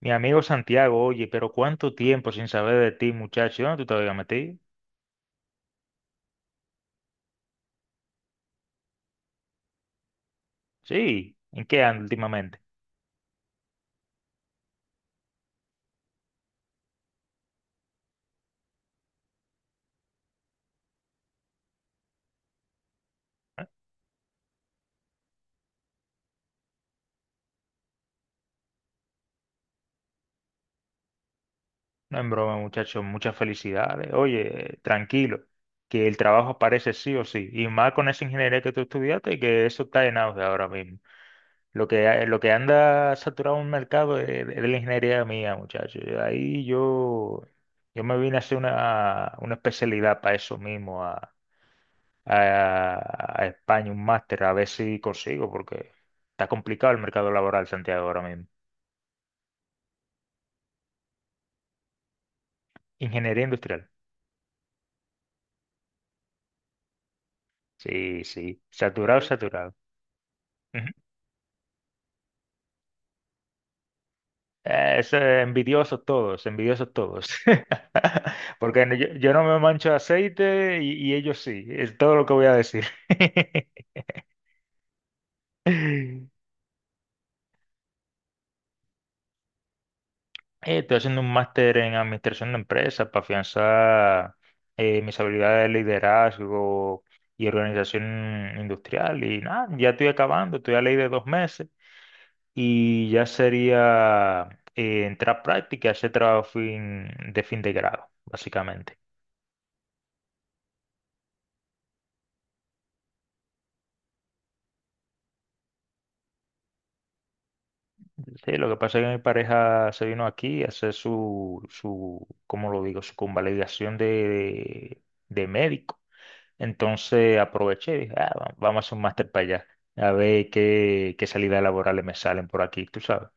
Mi amigo Santiago, oye, pero cuánto tiempo sin saber de ti, muchacho. ¿Dónde tú te habías metido? Sí, ¿en qué andas últimamente? No en broma, muchacho, muchas felicidades. Oye, tranquilo, que el trabajo aparece sí o sí. Y más con esa ingeniería que tú estudiaste, que eso está en auge ahora mismo. Lo que anda saturado en el mercado es la ingeniería mía, muchacho. Ahí yo me vine a hacer una especialidad para eso mismo, a España un máster a ver si consigo, porque está complicado el mercado laboral, Santiago, ahora mismo. Ingeniería industrial. Sí, sí. Saturado, saturado. Ujú. Envidiosos todos, envidiosos todos. Porque yo no me mancho de aceite y ellos sí, es todo lo que voy a decir. Estoy haciendo un máster en administración de empresas para afianzar mis habilidades de liderazgo y organización industrial. Y nada, ya estoy acabando, estoy a ley de 2 meses y ya sería entrar a práctica y hacer trabajo de fin de grado, básicamente. Sí, lo que pasa es que mi pareja se vino aquí a hacer su, ¿cómo lo digo? Su convalidación de médico. Entonces aproveché y dije: "Ah, vamos a hacer un máster para allá, a ver qué salidas laborales me salen por aquí, tú sabes".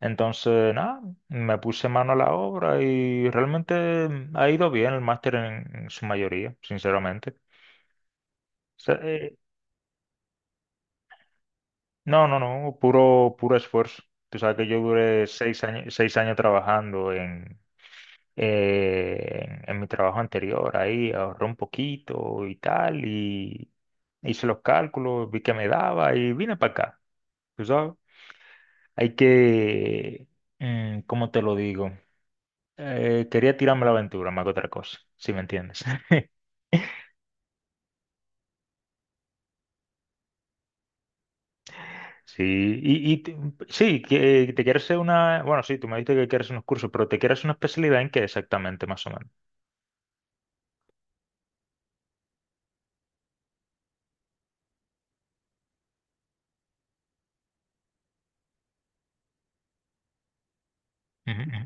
Entonces, nada, me puse mano a la obra y realmente ha ido bien el máster en su mayoría, sinceramente. O sea, no, no, no, puro, puro esfuerzo. Tú sabes que yo duré 6 años, 6 años trabajando en mi trabajo anterior, ahí ahorré un poquito y tal, y hice los cálculos, vi que me daba y vine para acá. Tú sabes. Hay que, ¿cómo te lo digo? Quería tirarme la aventura, más que otra cosa, si me entiendes. Sí, y, y t- sí, que te quieres hacer una, bueno, sí, tú me dijiste que quieres unos cursos, pero te quieres una especialidad en qué exactamente, más o menos. Ujú, ujú.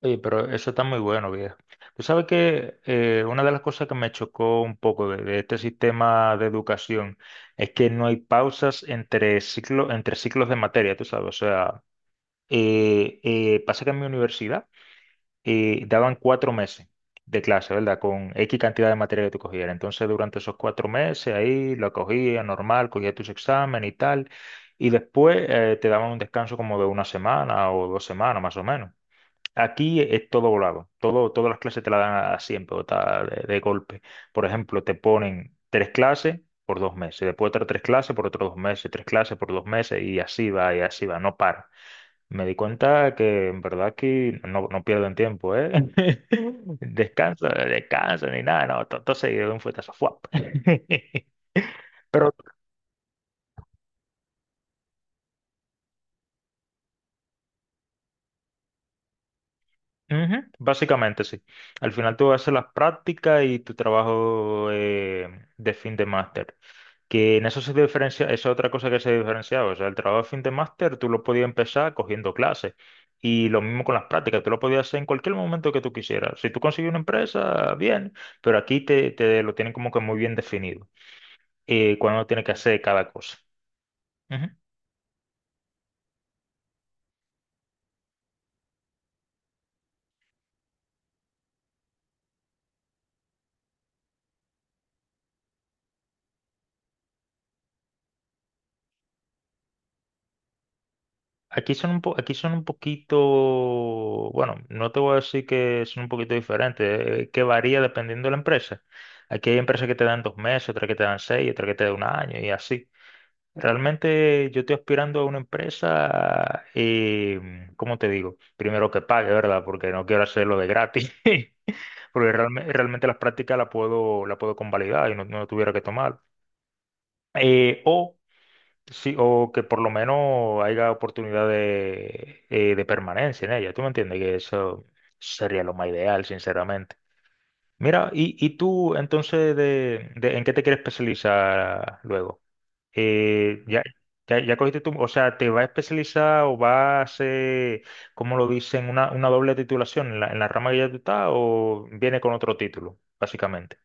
Oye, pero eso está muy bueno, viejo. Tú sabes que una de las cosas que me chocó un poco de este sistema de educación es que no hay pausas entre ciclos de materia, tú sabes, o sea. Pasa que en mi universidad daban 4 meses de clase, ¿verdad? Con X cantidad de materia que tú cogieras. Entonces, durante esos 4 meses ahí lo cogía normal, cogía tus exámenes y tal. Y después te daban un descanso como de una semana o 2 semanas más o menos. Aquí es todo volado, todo, todas las clases te las dan así en pelota de golpe. Por ejemplo, te ponen tres clases por 2 meses, después otras tres clases por otros 2 meses, tres clases por 2 meses y así va, no para. Me di cuenta que en verdad aquí no, no pierden tiempo, ¿eh? Descanso, descanso, ni nada, no, todo todo seguido de un fuetazo, ¡fuap! Pero ujú, básicamente sí. Al final tú haces las prácticas y tu trabajo de fin de máster. Que en eso se diferencia, esa es otra cosa que se diferenciaba. O sea, el trabajo de fin de máster tú lo podías empezar cogiendo clases. Y lo mismo con las prácticas, tú lo podías hacer en cualquier momento que tú quisieras. Si tú consigues una empresa, bien, pero aquí te lo tienen como que muy bien definido, cuándo tienes que hacer cada cosa. Ujú. Aquí son un poquito, bueno, no te voy a decir que son un poquito diferentes, que varía dependiendo de la empresa. Aquí hay empresas que te dan 2 meses, otras que te dan seis, otras que te dan un año y así. Realmente yo estoy aspirando a una empresa, ¿cómo te digo? Primero que pague, ¿verdad? Porque no quiero hacerlo de gratis. Porque realmente las prácticas las puedo, la puedo convalidar y no, no tuviera que tomar. Eh, o, sí, o que por lo menos haya oportunidad de permanencia en ella. ¿Tú me entiendes? Que eso sería lo más ideal, sinceramente. Mira, y tú entonces, ¿en qué te quieres especializar luego? eh, ya, ya cogiste tu, o sea, te va a especializar o va a hacer, ¿cómo lo dicen? Una doble titulación en la rama que ya tú estás o viene con otro título, básicamente.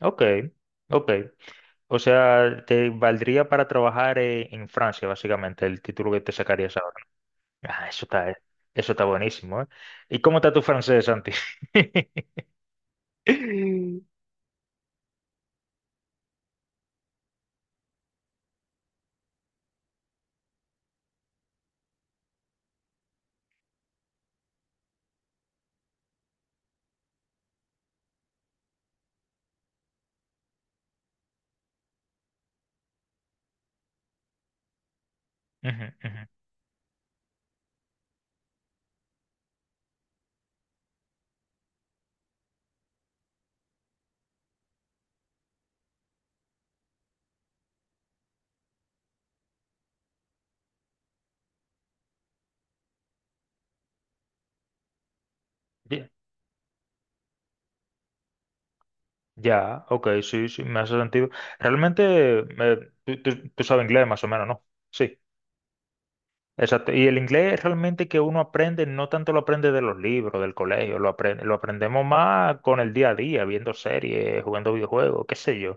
Ok, ok. O sea, te valdría para trabajar en Francia, básicamente, el título que te sacarías ahora. Ah, eso está buenísimo, ¿eh? ¿Y cómo está tu francés, Santi? Ujú, ujú. Ya, ok, sí, sí, me hace sentido. Realmente, tú sabes inglés más o menos, ¿no? Sí, exacto. Y el inglés realmente que uno aprende, no tanto lo aprende de los libros, del colegio, lo aprende, lo aprendemos más con el día a día, viendo series, jugando videojuegos, qué sé yo.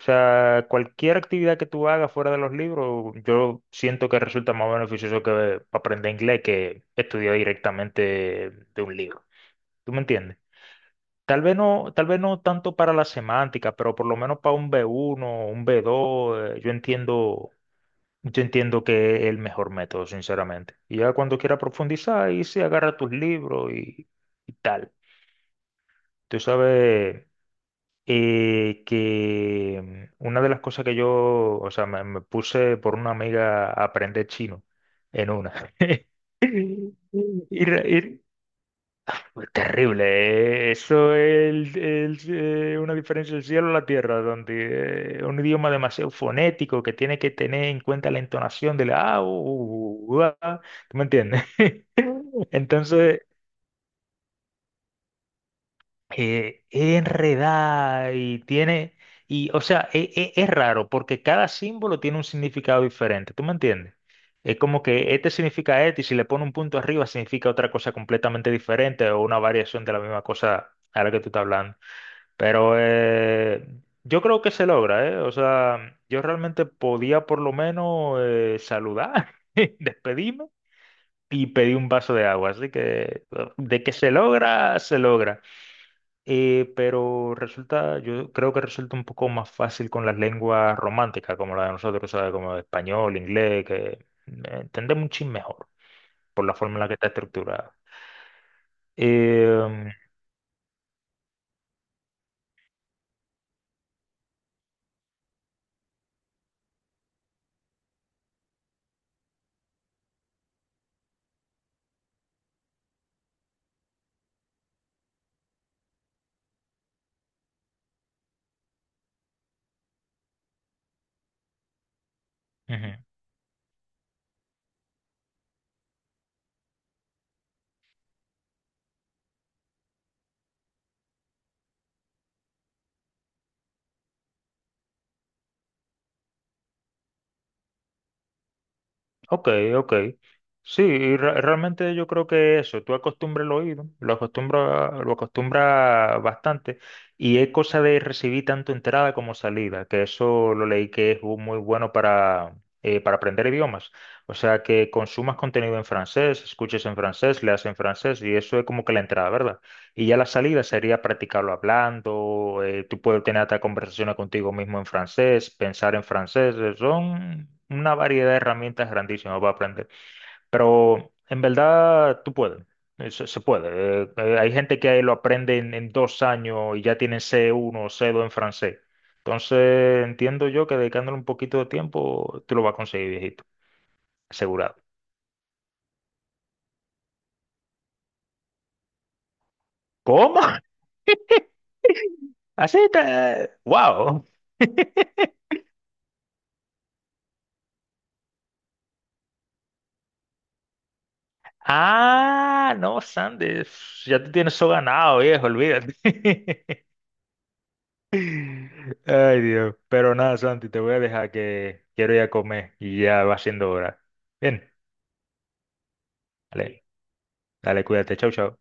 O sea, cualquier actividad que tú hagas fuera de los libros, yo siento que resulta más beneficioso que aprender inglés que estudiar directamente de un libro. ¿Tú me entiendes? Tal vez no tanto para la semántica, pero por lo menos para un B1, un B2, yo entiendo que es el mejor método, sinceramente. Y ya cuando quiera profundizar, ahí se agarra tus libros y tal. Tú sabes que una de las cosas que yo, o sea, me puse por una amiga a aprender chino en una. Y, re- Uy, terrible. Eso es una diferencia del cielo a la tierra, donde un idioma demasiado fonético que tiene que tener en cuenta la entonación de la A, u, u, u, a, ¿tú me entiendes? Entonces, es enredada y tiene, y o sea, es, raro porque cada símbolo tiene un significado diferente, ¿tú me entiendes? Es como que este significa este y si le pone un punto arriba significa otra cosa completamente diferente o una variación de la misma cosa a la que tú estás hablando. Pero yo creo que se logra, ¿eh? O sea, yo realmente podía por lo menos saludar, despedirme y pedir un vaso de agua. Así que de que se logra, se logra. Pero resulta, yo creo que resulta un poco más fácil con las lenguas románticas, como la de nosotros, ¿sabes? Como español, inglés, que entendemos un chin mejor por la forma en la que está estructurada. Eh, Ujú. Ok, ok. Sí, realmente yo creo que eso, tú acostumbras el oído, lo acostumbra bastante, y es cosa de recibir tanto entrada como salida, que eso lo leí que es un muy bueno para aprender idiomas. O sea, que consumas contenido en francés, escuches en francés, leas en francés, y eso es como que la entrada, ¿verdad? Y ya la salida sería practicarlo hablando, tú puedes tener hasta conversaciones contigo mismo en francés, pensar en francés, son una variedad de herramientas grandísimas para aprender. Pero en verdad tú puedes, se puede. Hay gente que lo aprende en 2 años y ya tienen C1 o C2 en francés. Entonces entiendo yo que dedicándole un poquito de tiempo, tú lo vas a conseguir, viejito, asegurado. ¿Cómo? Así está. ¡Wow! Ah, no, Sandy, ya te tienes eso ganado, viejo, olvídate. Ay, Dios. Pero nada, Santi, te voy a dejar que quiero ir a comer y ya va siendo hora. Bien, dale, dale, cuídate, chau, chau.